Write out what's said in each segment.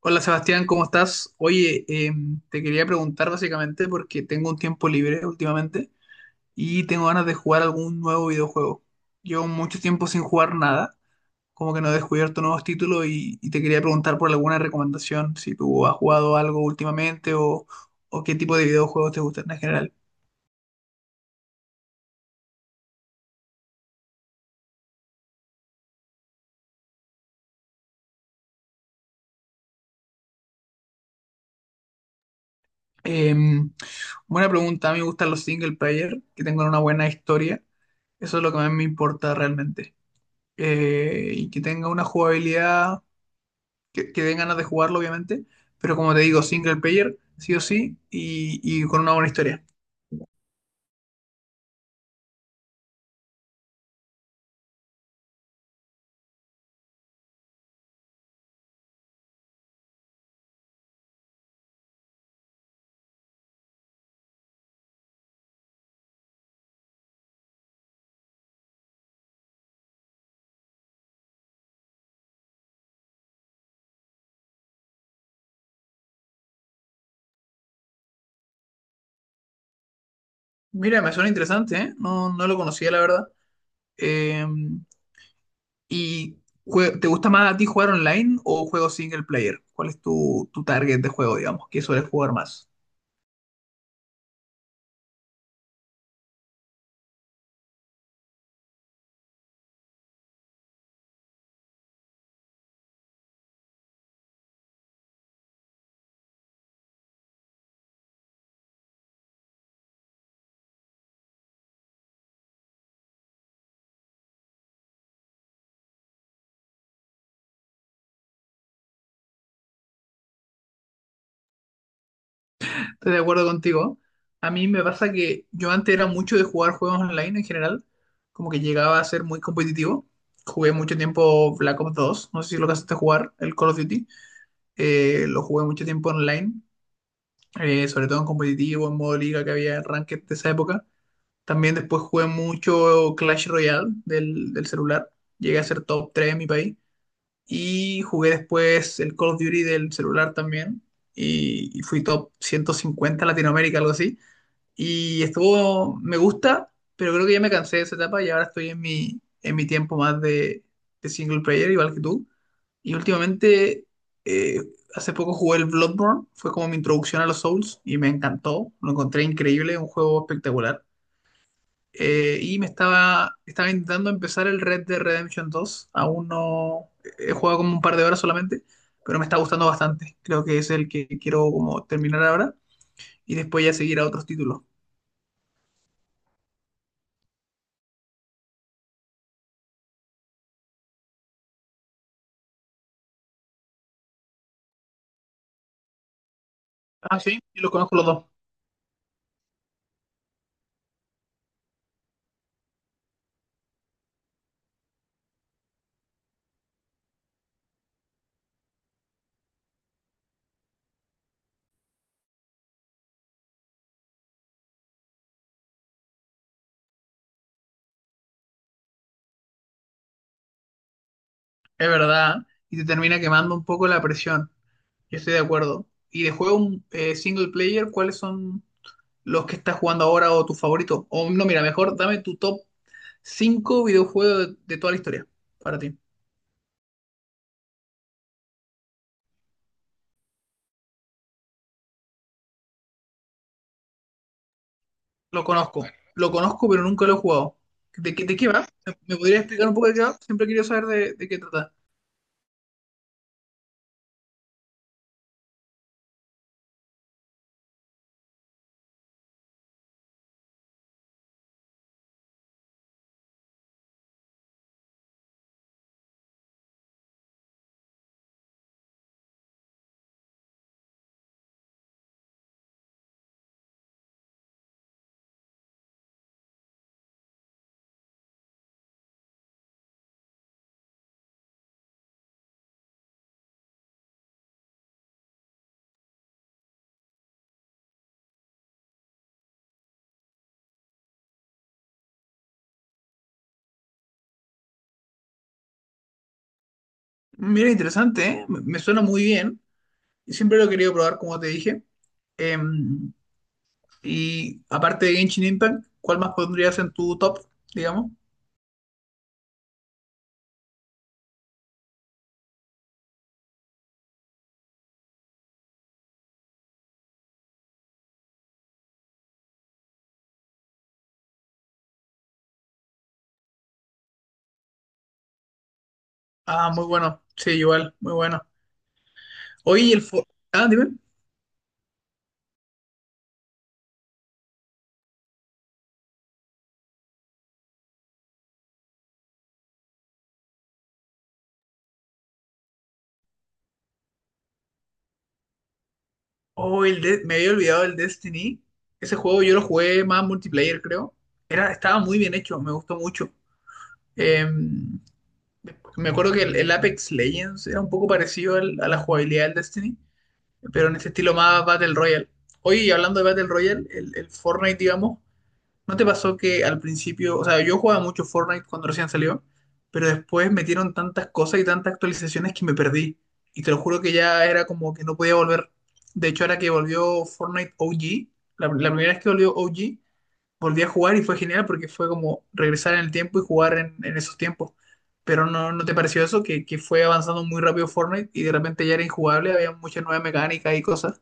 Hola Sebastián, ¿cómo estás? Oye, te quería preguntar básicamente porque tengo un tiempo libre últimamente y tengo ganas de jugar algún nuevo videojuego. Llevo mucho tiempo sin jugar nada, como que no he descubierto nuevos títulos y te quería preguntar por alguna recomendación, si tú has jugado algo últimamente o qué tipo de videojuegos te gustan en general. Eh, Buena pregunta, a mí me gustan los single player, que tengan una buena historia, eso es lo que más me importa realmente. Y que tenga una jugabilidad que den ganas de jugarlo, obviamente. Pero como te digo, single player, sí o sí, y con una buena historia. Mira, me suena interesante, ¿eh? No, no lo conocía, la verdad. Eh, ¿Y te gusta más a ti jugar online o juegos single player? ¿Cuál es tu target de juego, digamos, que sueles jugar más? Estoy de acuerdo contigo. A mí me pasa que yo antes era mucho de jugar juegos online en general, como que llegaba a ser muy competitivo. Jugué mucho tiempo Black Ops dos, no sé si lo alcanzaste a jugar, el Call of Duty. Lo jugué mucho tiempo online, sobre todo en competitivo, en modo liga que había en ranked de esa época. También después jugué mucho Clash Royale del celular, llegué a ser top 3 en mi país. Y jugué después el Call of Duty del celular también, y fui top 150 en Latinoamérica, algo así. Y estuvo, me gusta, pero creo que ya me cansé de esa etapa y ahora estoy en mi tiempo más de single player, igual que tú. Y últimamente, eh, hace poco jugué el Bloodborne, fue como mi introducción a los Souls y me encantó, lo encontré increíble, un juego espectacular. Y me estaba intentando empezar el Red Dead Redemption dos. Aún no he jugado como un par de horas solamente, pero me está gustando bastante. Creo que es el que quiero como terminar ahora y después ya seguir a otros títulos. Ah, sí, yo los conozco los dos. Es verdad. Y te termina quemando un poco la presión. Yo estoy de acuerdo. Y de juego single player, ¿cuáles son los que estás jugando ahora o tu favorito? O no, mira, mejor dame tu top 5 videojuegos de toda la historia para ti. Lo conozco, lo conozco, pero nunca lo he jugado. ¿De qué va? ¿Me podrías explicar un poco de qué va? Siempre he querido saber de qué trata. Mira, interesante, ¿eh? Me suena muy bien. Siempre lo he querido probar, como te dije. Eh, Y aparte de Genshin Impact, ¿cuál más pondrías en tu top, digamos? Ah, muy bueno. Sí, igual, muy bueno. Oye, ah, dime. Oh, me había olvidado el Destiny. Ese juego yo lo jugué más multiplayer, creo. Era, estaba muy bien hecho, me gustó mucho. Eh, Me acuerdo que el Apex Legends era un poco parecido a la jugabilidad del Destiny, pero en ese estilo más Battle Royale. Oye, y hablando de Battle Royale, el Fortnite, digamos, ¿no te pasó que al principio, o sea, yo jugaba mucho Fortnite cuando recién salió, pero después metieron tantas cosas y tantas actualizaciones que me perdí? Y te lo juro que ya era como que no podía volver. De hecho, ahora que volvió Fortnite OG, la primera vez que volvió OG, volví a jugar y fue genial porque fue como regresar en el tiempo y jugar en esos tiempos. Pero no, ¿no te pareció eso? Que fue avanzando muy rápido Fortnite y de repente ya era injugable, había muchas nuevas mecánicas y cosas.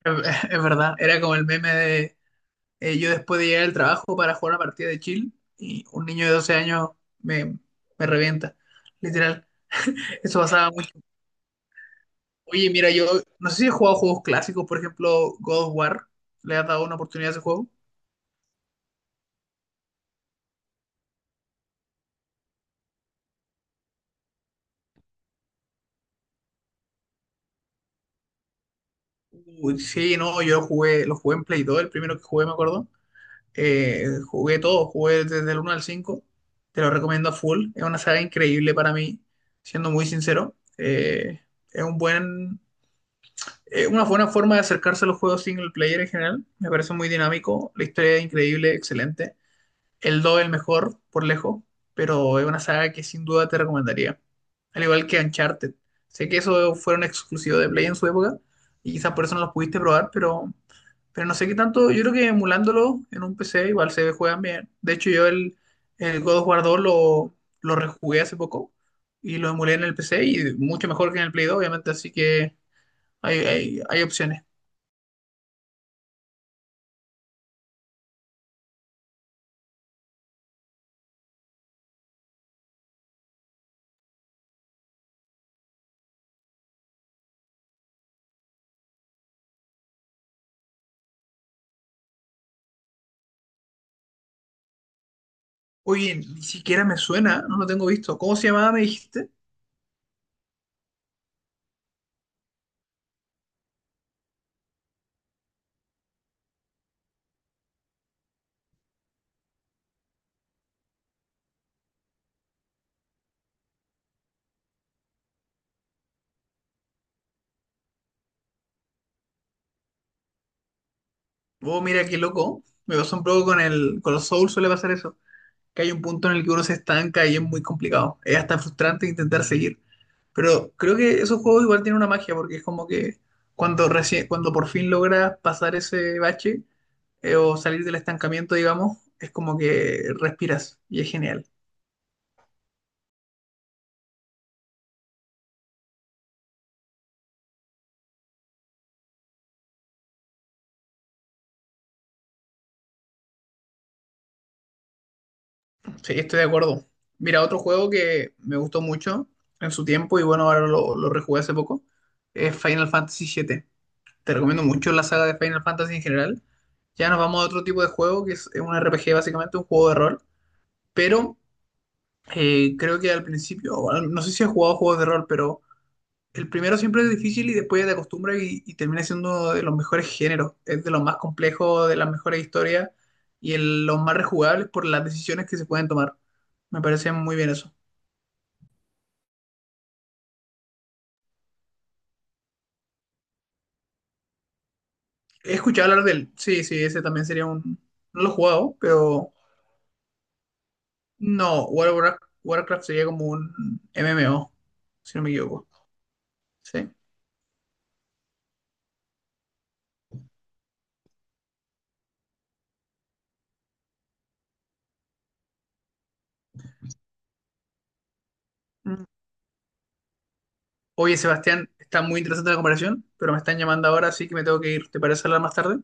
Es verdad, era como el meme de yo después de llegar al trabajo para jugar una partida de chill y un niño de 12 años me, me revienta, literal. Eso pasaba mucho. Oye, mira, yo no sé si he jugado juegos clásicos, por ejemplo, God of War. ¿Le has dado una oportunidad a ese juego? Uy, sí, no, yo lo jugué en Play 2, el primero que jugué, me acuerdo. Jugué todo, jugué desde el uno al cinco. Te lo recomiendo a full. Es una saga increíble para mí, siendo muy sincero. Es un buen Una buena forma de acercarse a los juegos single player en general. Me parece muy dinámico. La historia es increíble, excelente. El 2 es el mejor, por lejos, pero es una saga que sin duda te recomendaría. Al igual que Uncharted. Sé que eso fue un exclusivo de Play en su época y quizás por eso no los pudiste probar, pero, no sé qué tanto. Yo creo que emulándolo en un PC igual se juegan bien. De hecho, yo el God of War 2 lo rejugué hace poco y lo emulé en el PC y mucho mejor que en el Play 2, obviamente. Así que hay opciones. Oye, ni siquiera me suena, no lo tengo visto. ¿Cómo se llamaba, me dijiste? Oh, mira qué loco. Me pasó un poco con con los Souls, suele pasar eso. Que hay un punto en el que uno se estanca y es muy complicado. Es hasta frustrante intentar seguir. Pero creo que esos juegos igual tienen una magia, porque es como que cuando por fin logras pasar ese bache, o salir del estancamiento, digamos, es como que respiras y es genial. Sí, estoy de acuerdo. Mira, otro juego que me gustó mucho en su tiempo y bueno, ahora lo rejugué hace poco, es Final Fantasy VII. Te recomiendo mucho la saga de Final Fantasy en general. Ya nos vamos a otro tipo de juego que es un RPG básicamente, un juego de rol, pero creo que al principio, no sé si has jugado juegos de rol, pero el primero siempre es difícil y después ya te acostumbras y termina siendo uno de los mejores géneros, es de los más complejos, de las mejores historias y los más rejugables por las decisiones que se pueden tomar. Me parece muy bien eso. He escuchado hablar de él. Sí, sí, ese también sería un... No lo he jugado, pero... No, World of Warcraft, Warcraft sería como un MMO, si no me equivoco. Sí. Mm. Oye, Sebastián, está muy interesante la comparación, pero me están llamando ahora, así que me tengo que ir. ¿Te parece hablar más tarde?